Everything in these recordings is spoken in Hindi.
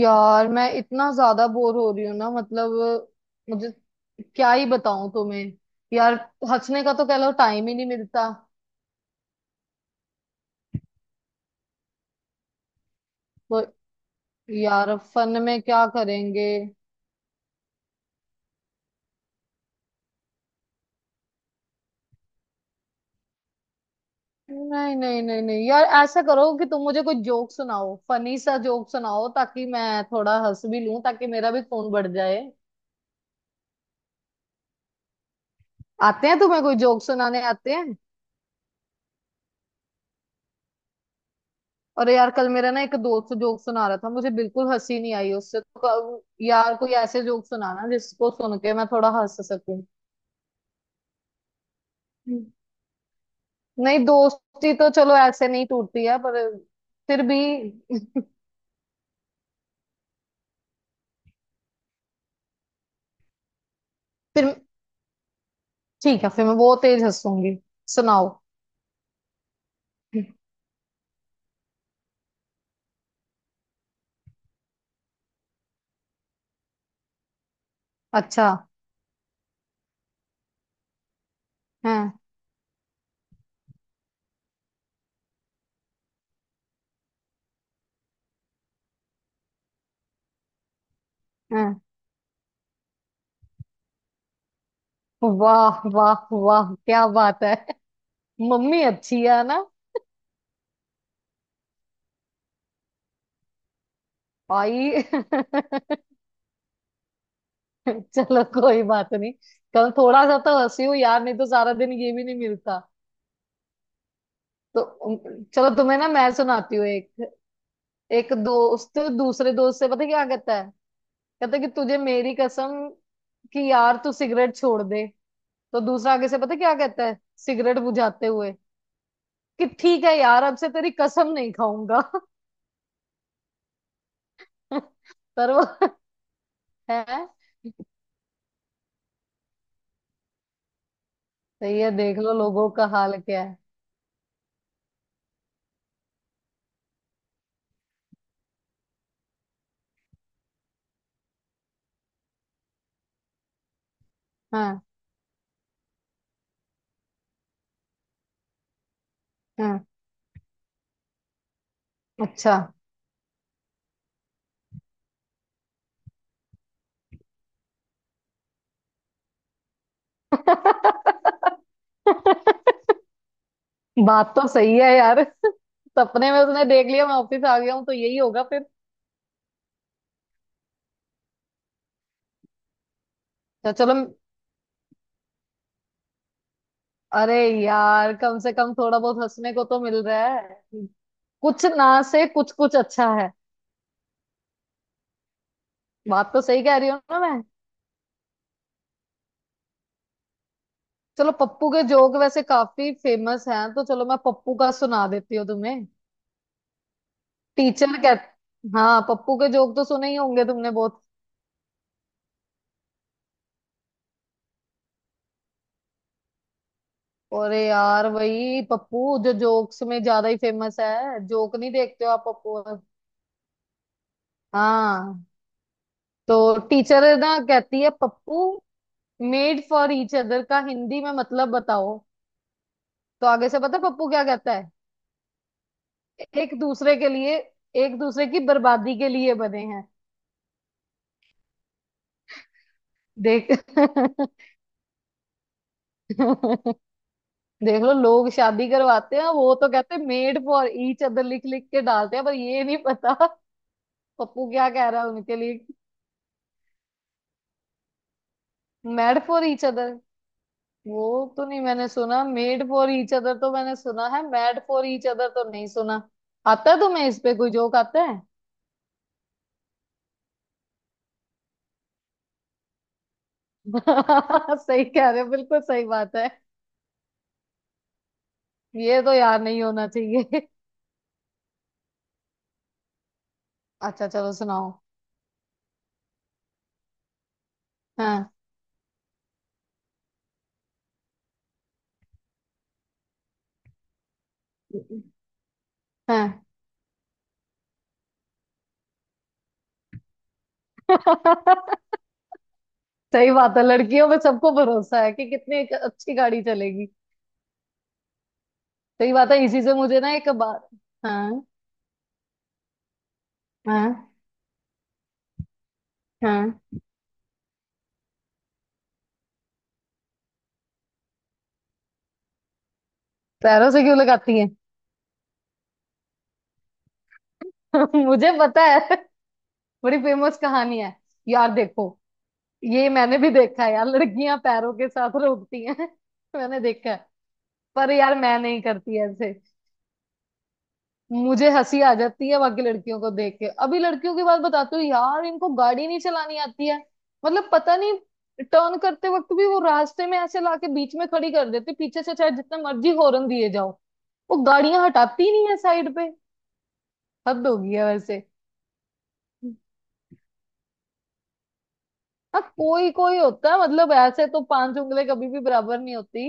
यार मैं इतना ज्यादा बोर हो रही हूँ ना। मतलब मुझे क्या ही बताऊं तुम्हें यार। हंसने का तो कह लो, टाइम ही नहीं मिलता। तो यार अब फन में क्या करेंगे? नहीं नहीं नहीं नहीं यार, ऐसा करो कि तुम मुझे कोई जोक सुनाओ, फनी सा जोक सुनाओ ताकि मैं थोड़ा हंस भी लूं, ताकि मेरा भी खून बढ़ जाए। आते हैं तुम्हें? कोई जोक सुनाने आते हैं? अरे यार, कल मेरा ना एक दोस्त जोक सुना रहा था, मुझे बिल्कुल हंसी नहीं आई उससे तो। यार कोई ऐसे जोक सुनाना जिसको सुन के मैं थोड़ा हंस सकूं। हम्म। नहीं, दोस्ती तो चलो ऐसे नहीं टूटती है, पर फिर भी। फिर ठीक है, फिर मैं वो तेज हंसूंगी। सुनाओ। अच्छा। हाँ, हाँ। वाह वाह वाह, क्या बात है। मम्मी अच्छी है ना। आई। चलो कोई बात नहीं। कल थोड़ा सा तो हंसी हूँ यार, नहीं तो सारा दिन ये भी नहीं मिलता। तो चलो तुम्हें ना मैं सुनाती हूँ एक। एक दोस्त दूसरे दोस्त से पता क्या कहता है? कहता है कि तुझे मेरी कसम, कि यार तू सिगरेट छोड़ दे। तो दूसरा आगे से पता क्या कहता है? सिगरेट बुझाते हुए कि ठीक है यार, अब से तेरी कसम नहीं खाऊंगा। पर वो है। सही है। देख लो लोगों का हाल क्या है। हाँ हाँ। अच्छा। बात तो सही है यार। सपने में उसने देख लिया मैं ऑफिस आ गया हूँ, तो यही होगा। तो चलो। अरे यार कम से कम थोड़ा बहुत हंसने को तो मिल रहा है। कुछ ना से कुछ, कुछ अच्छा है। बात तो सही कह रही हूँ ना मैं? चलो, पप्पू के जोक वैसे काफी फेमस हैं, तो चलो मैं पप्पू का सुना देती हूँ तुम्हें। टीचर कह, हाँ पप्पू के जोक तो सुने ही होंगे तुमने बहुत। अरे यार, वही पप्पू जो जोक्स में ज्यादा ही फेमस है। जोक नहीं देखते हो आप पप्पू? हाँ तो टीचर ना कहती है, Pappu made for each other का हिंदी में मतलब बताओ। तो आगे से पता है पप्पू क्या कहता है? एक दूसरे के लिए, एक दूसरे की बर्बादी के लिए बने हैं। देख। देख लो, लोग शादी करवाते हैं वो तो कहते हैं मेड फॉर ईच अदर, लिख लिख के डालते हैं, पर ये नहीं पता। पप्पू क्या कह रहा है उनके लिए। Mad for each other. वो तो नहीं मैंने सुना, मेड फॉर ईच अदर तो मैंने सुना है, मैड फॉर ईच अदर तो नहीं सुना। आता है तुम्हें? इस पे कोई जोक आता है? सही कह रहे हो, बिल्कुल सही बात है। ये तो यार नहीं होना चाहिए। अच्छा चलो, सुनाओ। हाँ। हाँ। सही बात है, लड़कियों में सबको भरोसा है कि कितनी एक अच्छी गाड़ी चलेगी। सही बात है। इसी से मुझे ना एक बार। हाँ। हाँ। हाँ, पैरों से क्यों लगाती है? मुझे पता है, बड़ी फेमस कहानी है यार, देखो। ये मैंने भी देखा है यार, लड़कियां पैरों के साथ रोकती हैं। मैंने देखा है। पर यार मैं नहीं करती ऐसे। मुझे हंसी आ जाती है बाकी लड़कियों को देख के। अभी लड़कियों की बात बताती हूँ यार, इनको गाड़ी नहीं चलानी आती है। मतलब पता नहीं। टर्न करते वक्त भी वो रास्ते में ऐसे लाके बीच में खड़ी कर देती, पीछे से चाहे जितना मर्जी हॉर्न दिए जाओ। वो गाड़ियां हटाती नहीं है साइड पे। हद हो गई है वैसे। हाँ, कोई कोई होता है, मतलब ऐसे तो पांच उंगली कभी भी बराबर नहीं होती।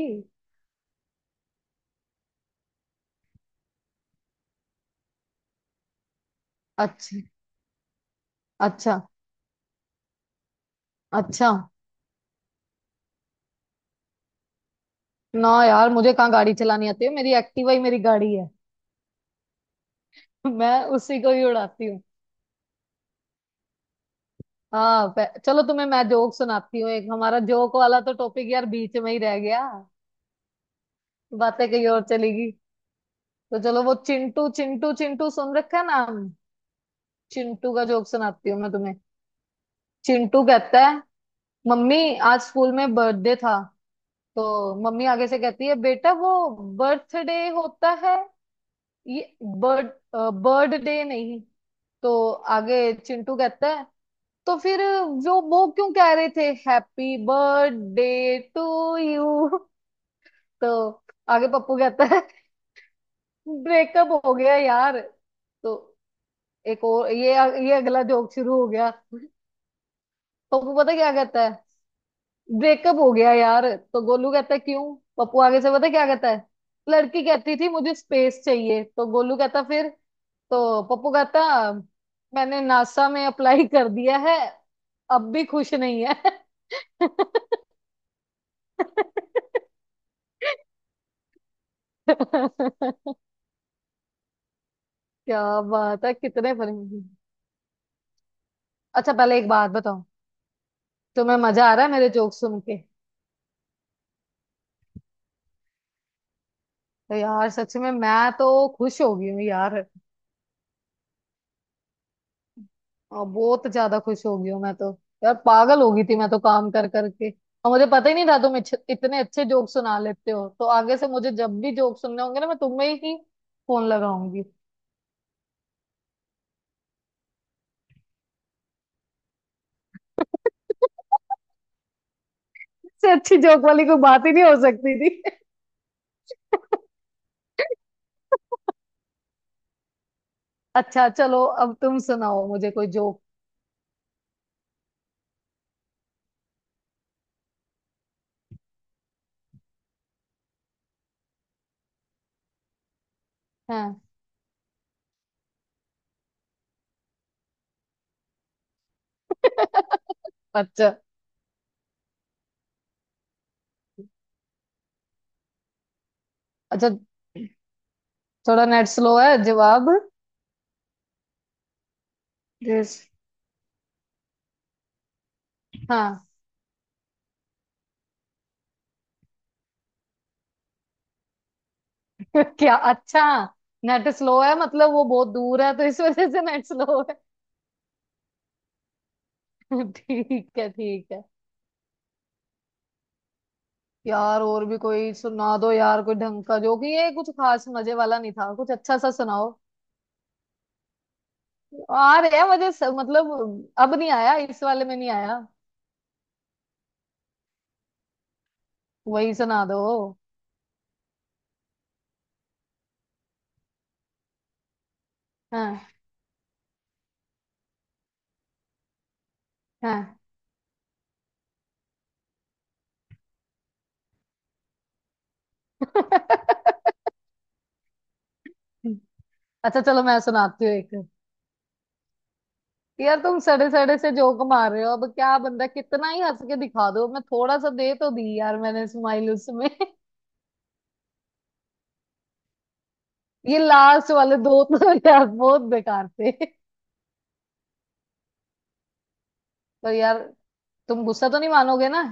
अच्छा। अच्छा। अच्छा। ना यार, मुझे कहाँ गाड़ी चलानी आती है, मेरी एक्टिवा ही मेरी गाड़ी है। मैं उसी को ही उड़ाती। हाँ। चलो तुम्हें मैं जोक सुनाती हूँ एक, हमारा जोक वाला तो टॉपिक यार बीच में ही रह गया। बातें कहीं और चलेगी। तो चलो, वो चिंटू चिंटू चिंटू सुन रखा है नाम? चिंटू का जोक सुनाती हूँ मैं तुम्हें। चिंटू कहता है, मम्मी आज स्कूल में बर्थडे था। तो मम्मी आगे से कहती है, बेटा वो बर्थडे होता है ये, बर्थ बर्थडे नहीं। तो आगे चिंटू कहता है, तो फिर जो वो क्यों कह रहे थे हैप्पी बर्थडे टू यू? तो आगे पप्पू कहता है, ब्रेकअप हो गया यार। तो एक और, ये अगला जोक शुरू हो गया। पप्पू पता क्या कहता है? ब्रेकअप हो गया यार। तो गोलू कहता है क्यों। पप्पू आगे से पता क्या कहता है? लड़की कहती थी मुझे स्पेस चाहिए। तो गोलू कहता फिर? तो पप्पू कहता, मैंने नासा में अप्लाई कर दिया है, अब भी खुश नहीं है। क्या बात है कितने फनी। अच्छा पहले एक बात बताओ, तुम्हें मजा आ रहा है मेरे जोक सुन के? तो यार सच में मैं तो खुश हो गई हूँ यार, और बहुत ज्यादा खुश हो गई हूँ मैं तो। यार पागल हो गई थी मैं तो काम कर करके, और मुझे पता ही नहीं था तुम इतने अच्छे जोक सुना लेते हो, तो आगे से मुझे जब भी जोक सुनने होंगे ना मैं तुम्हें ही फोन लगाऊंगी। इससे अच्छी जोक वाली कोई बात ही नहीं हो सकती थी। अच्छा चलो, अब तुम सुनाओ मुझे कोई जोक। हाँ। अच्छा। अच्छा, थोड़ा नेट स्लो है जवाब। यस। हाँ। क्या अच्छा, नेट स्लो है मतलब वो बहुत दूर है, तो इस वजह से नेट स्लो है। ठीक है ठीक है। यार और भी कोई सुना दो यार, कोई ढंग का, जो कि ये कुछ खास मजे वाला नहीं था, कुछ अच्छा सा सुनाओ। आ रहे हैं मुझे सब, मतलब अब नहीं आया, इस वाले में नहीं आया। वही सुना दो। हाँ हाँ। अच्छा चलो मैं सुनाती हूँ एक। यार तुम सड़े सड़े से जोक मार रहे हो, अब क्या बंदा कितना ही हंस के दिखा दो, मैं थोड़ा सा दे तो दी यार मैंने स्माइल उसमें। ये लास्ट वाले दो तो यार बहुत बेकार थे। तो यार तुम गुस्सा तो नहीं मानोगे ना?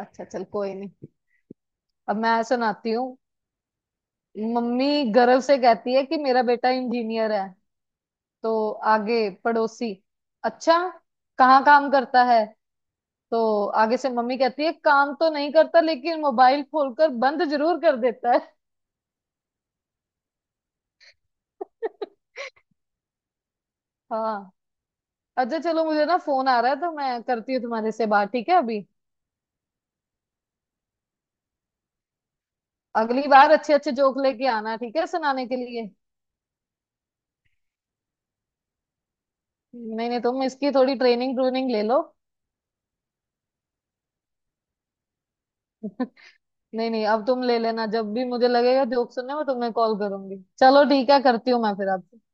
अच्छा चल, कोई नहीं। अब मैं सुनाती हूँ। मम्मी गर्व से कहती है कि मेरा बेटा इंजीनियर है। तो आगे पड़ोसी। अच्छा, कहाँ काम करता है? तो आगे से मम्मी कहती है, काम तो नहीं करता लेकिन मोबाइल खोलकर बंद जरूर कर देता है। हाँ। अच्छा चलो, मुझे ना फोन आ रहा है, तो मैं करती हूँ तुम्हारे से बात, ठीक है अभी? अगली बार अच्छे अच्छे जोक लेके आना, ठीक है, सुनाने के लिए। नहीं नहीं, तुम इसकी थोड़ी ट्रेनिंग ट्रूनिंग ले लो। नहीं नहीं, अब तुम ले लेना, जब भी मुझे लगेगा जोक सुनने में तुम्हें कॉल करूंगी। चलो ठीक है, करती हूँ मैं फिर आपसे।